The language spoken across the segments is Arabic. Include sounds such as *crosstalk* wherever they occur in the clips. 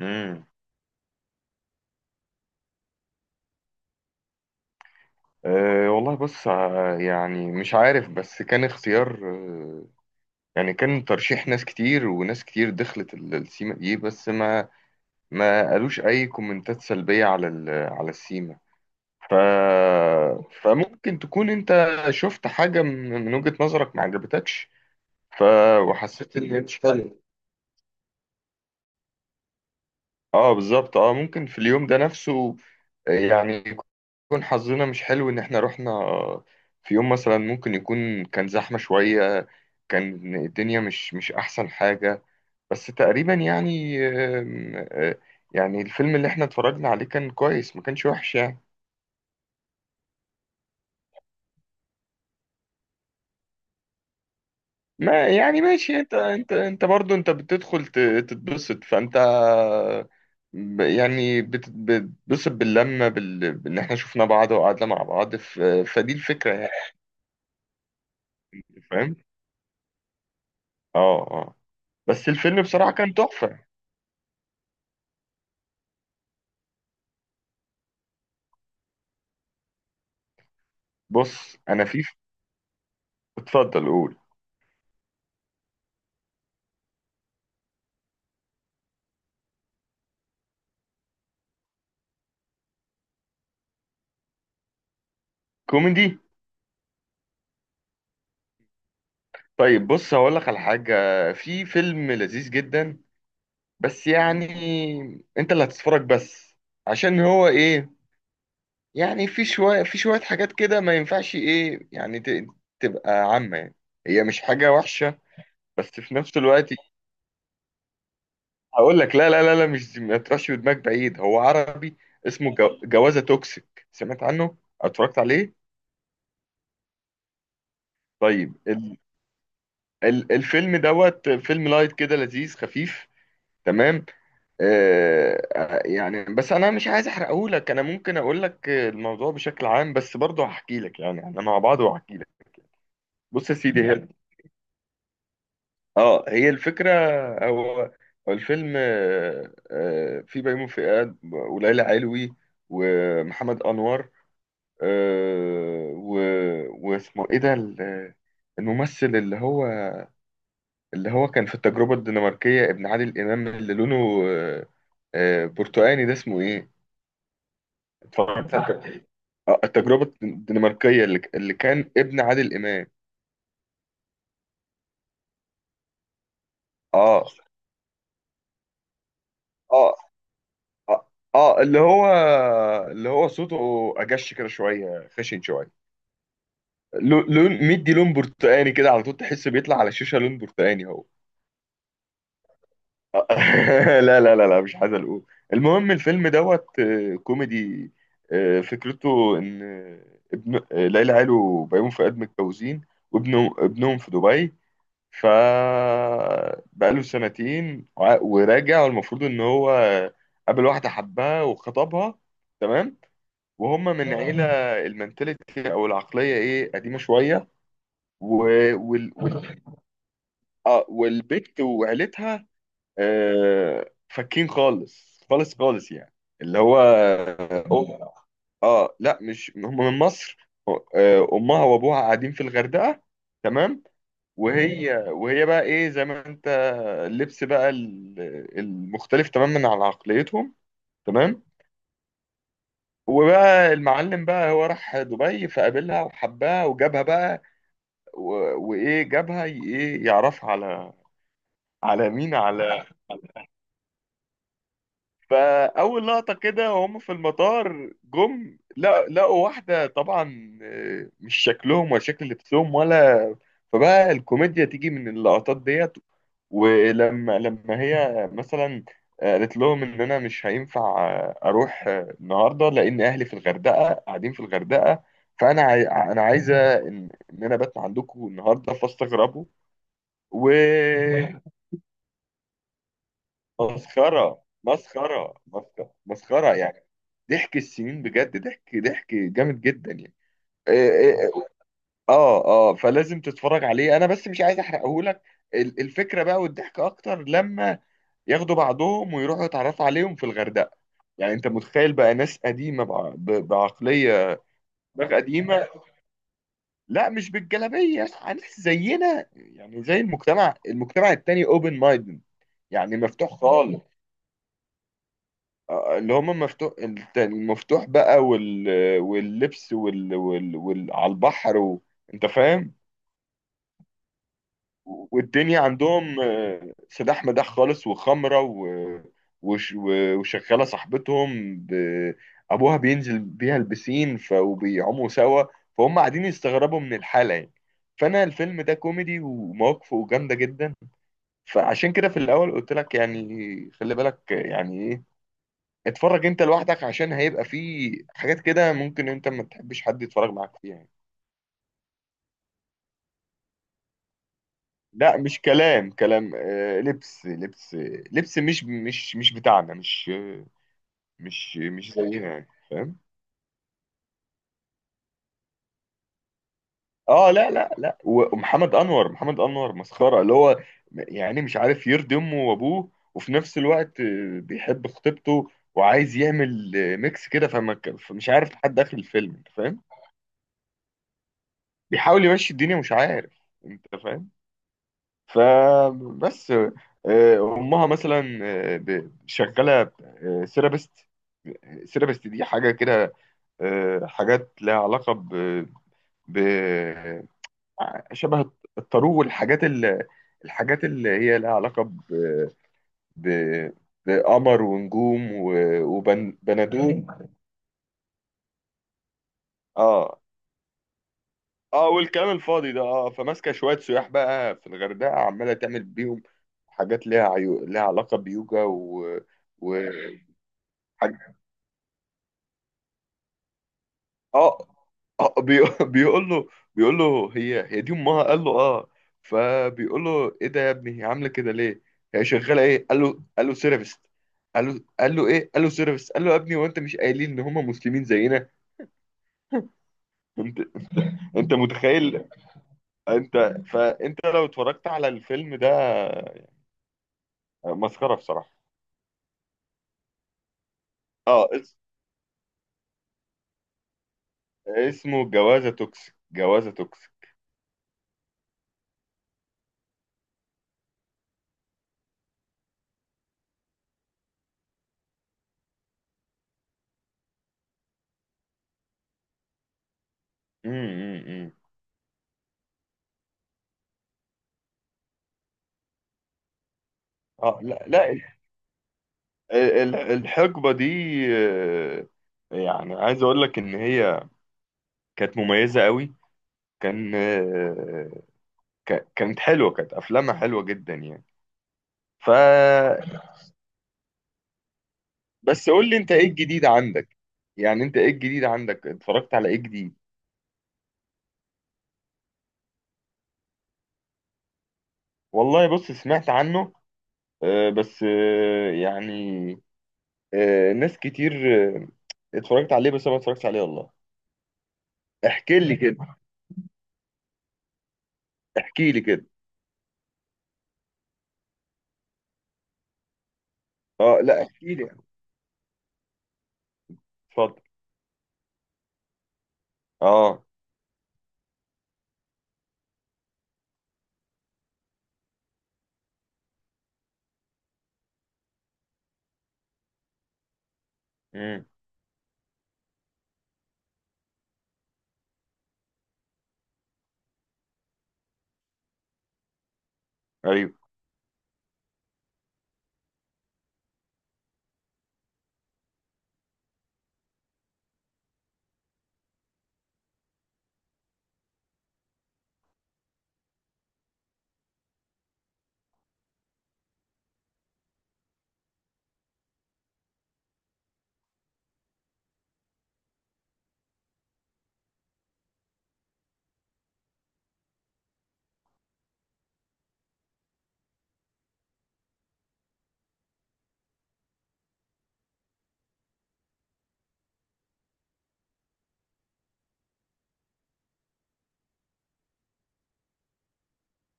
امم أه والله، بص. يعني مش عارف، بس كان اختيار. يعني كان ترشيح ناس كتير وناس كتير دخلت السيما دي، بس ما قالوش اي كومنتات سلبية على على السيما. ف فممكن تكون انت شفت حاجة من وجهة نظرك ما عجبتكش. ف وحسيت ان انت، اه بالظبط، اه ممكن في اليوم ده نفسه. يعني يكون حظنا مش حلو ان احنا رحنا. في يوم مثلا ممكن يكون كان زحمة شوية، كان الدنيا مش احسن حاجة. بس تقريبا يعني آم، آه، يعني الفيلم اللي احنا اتفرجنا عليه كان كويس، ما كانش وحش يعني. ما يعني ماشي، انت برضه انت بتدخل تتبسط. فانت يعني بتتبسط باللمة، بان احنا شفنا بعض وقعدنا مع بعض. ف، فدي الفكرة يعني، فاهم. اه، اه، بس الفيلم بصراحة كان تحفة. بص، انا في، اتفضل قول. كوميدي؟ طيب بص، هقول لك على حاجة. في فيلم لذيذ جدا، بس يعني انت اللي هتتفرج بس، عشان هو ايه يعني، في شوية حاجات كده ما ينفعش ايه يعني تبقى عامة يعني. هي مش حاجة وحشة، بس في نفس الوقت هقول لك. لا، لا، لا، لا، مش ما تروحش بدماغك بعيد، هو عربي. اسمه جوازة توكسيك، سمعت عنه؟ اتفرجت عليه؟ طيب. الفيلم دوت، فيلم لايت كده، لذيذ خفيف، تمام. يعني بس انا مش عايز احرقه لك، انا ممكن اقول لك الموضوع بشكل عام، بس برضه هحكي لك، يعني احنا مع بعض وهحكي لك. بص يا سيدي، هي، اه هي الفكره، هو هو الفيلم في بيومي فؤاد وليلى علوي ومحمد انور. واسمه ايه ده، الممثل اللي هو، كان في التجربة الدنماركية، ابن عادل إمام، اللي لونه برتقاني، ده اسمه إيه؟ اتفرجت على التجربة الدنماركية اللي كان ابن عادل إمام. آه آه آه اللي هو، اللي هو صوته أجش كده شوية، خشن شوية. لون مدي، لون برتقاني كده على طول، تحس بيطلع على الشاشة لون برتقاني هو. *laughs* لا، لا، لا، لا، مش عايز اقول. المهم الفيلم دوت، كوميدي. فكرته ان ابن ليلى علو وبيومي فؤاد متجوزين، وابنه، ابنهم في دبي. ف بقاله سنتين وراجع، والمفروض ان هو قابل واحده حبها وخطبها، تمام. وهم من عيله، المنتاليتي او العقليه ايه، قديمه شويه، و، وال... وال... والبت وعيلتها، فكين خالص خالص خالص يعني، اللي هو اه. لا، مش هم من مصر، امها وابوها قاعدين في الغردقه، تمام. وهي بقى ايه، زي ما انت، اللبس بقى المختلف تماما عن عقليتهم، تمام. وبقى المعلم بقى هو راح دبي، فقابلها وحبها وجابها بقى، وايه جابها ايه يعرفها على، على مين، على، فاول لقطه كده وهم في المطار جم، لا لقوا واحده طبعا مش شكلهم ولا شكل لبسهم ولا، فبقى الكوميديا تيجي من اللقطات ديت، ولما هي مثلا قالت لهم ان انا مش هينفع اروح النهارده، لان اهلي في الغردقه قاعدين في الغردقه، فانا عاي، انا عايزه ان انا بات عندكم النهارده، فاستغربوا. و، مسخرة، مسخرة، مسخرة، مسخرة يعني. ضحك السنين بجد، ضحك، ضحك جامد جدا يعني. إيه- إيه- اه، اه، فلازم تتفرج عليه، انا بس مش عايز احرقه لك. الفكرة بقى والضحك اكتر لما ياخدوا بعضهم ويروحوا يتعرفوا عليهم في الغردقة. يعني انت متخيل بقى ناس قديمة بعقلية، دماغ قديمة. لا، مش بالجلابية، ناس زينا يعني، زي المجتمع، التاني اوبن مايند، يعني مفتوح خالص. اللي هم مفتوح المفتوح بقى، واللبس على البحر و، انت فاهم. والدنيا عندهم سلاح مداح خالص، وخمرة و، وشغالة صاحبتهم ب، أبوها بينزل بيها البسين، ف، وبيعوموا سوا، فهم قاعدين يستغربوا من الحالة يعني. فأنا الفيلم ده كوميدي ومواقفه جامدة جدا، فعشان كده في الأول قلت لك يعني خلي بالك، يعني إيه، اتفرج انت لوحدك، عشان هيبقى فيه حاجات كده ممكن انت ما تحبش حد يتفرج معاك فيها يعني. لا، مش كلام، كلام آه، لبس، لبس، لبس مش بتاعنا، مش زينا يعني، فاهم؟ اه، لا، لا، لا. ومحمد انور، محمد انور مسخره، اللي هو يعني مش عارف يرضي امه وابوه، وفي نفس الوقت بيحب خطيبته وعايز يعمل ميكس كده، فمش عارف لحد اخر الفيلم، انت فاهم. بيحاول يمشي الدنيا، مش عارف، انت فاهم. فبس، امها مثلا شغاله سيرابست، سيرابست دي حاجه كده، حاجات لها علاقه ب، ب شبه الطارو، والحاجات الحاجات اللي هي لها علاقه ب، ب- بقمر ونجوم، وبنادوم. اه، اه، والكلام الفاضي ده، اه، فماسكه شويه سياح بقى في الغردقه، عماله تعمل بيهم حاجات ليها عيو، ليها علاقه بيوجا و، و، اه، اه، *laughs* بيقول له، بيقول له هي دي امها، قال له اه، فبيقول له ايه ده يا ابني، هي عامله كده ليه، هي شغاله ايه؟ قال له، سيرفيست قال له، ايه قال له سيرفيست. قال له يا ابني، وانت مش قايلين ان هم مسلمين زينا؟ انت، متخيل انت، فانت لو اتفرجت على الفيلم ده، مسخره بصراحه. اه، اسمه جوازه توكسيك، جوازه توكسيك. امم امم اه، لا، لا. الحقبة دي آه، يعني عايز اقول لك ان هي كانت مميزة قوي. كان كانت حلوة، كانت افلامها حلوة جدا يعني. ف بس قول لي انت ايه الجديد عندك، يعني انت ايه الجديد عندك، اتفرجت على ايه جديد؟ والله بص، سمعت عنه، بس يعني ناس كتير آه، اتفرجت عليه، بس انا ما اتفرجتش عليه والله. احكي لي كده، احكي لي كده. اه، لا، احكي لي، اتفضل. اه. امم ايوه.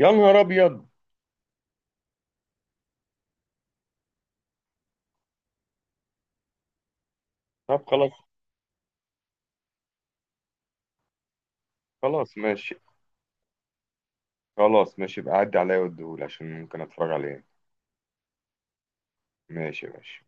يا نهار ابيض. طب خلاص. خلاص ماشي. خلاص ماشي، يبقى عدي عليا واديهولي عشان ممكن اتفرج عليه. ماشي، ماشي.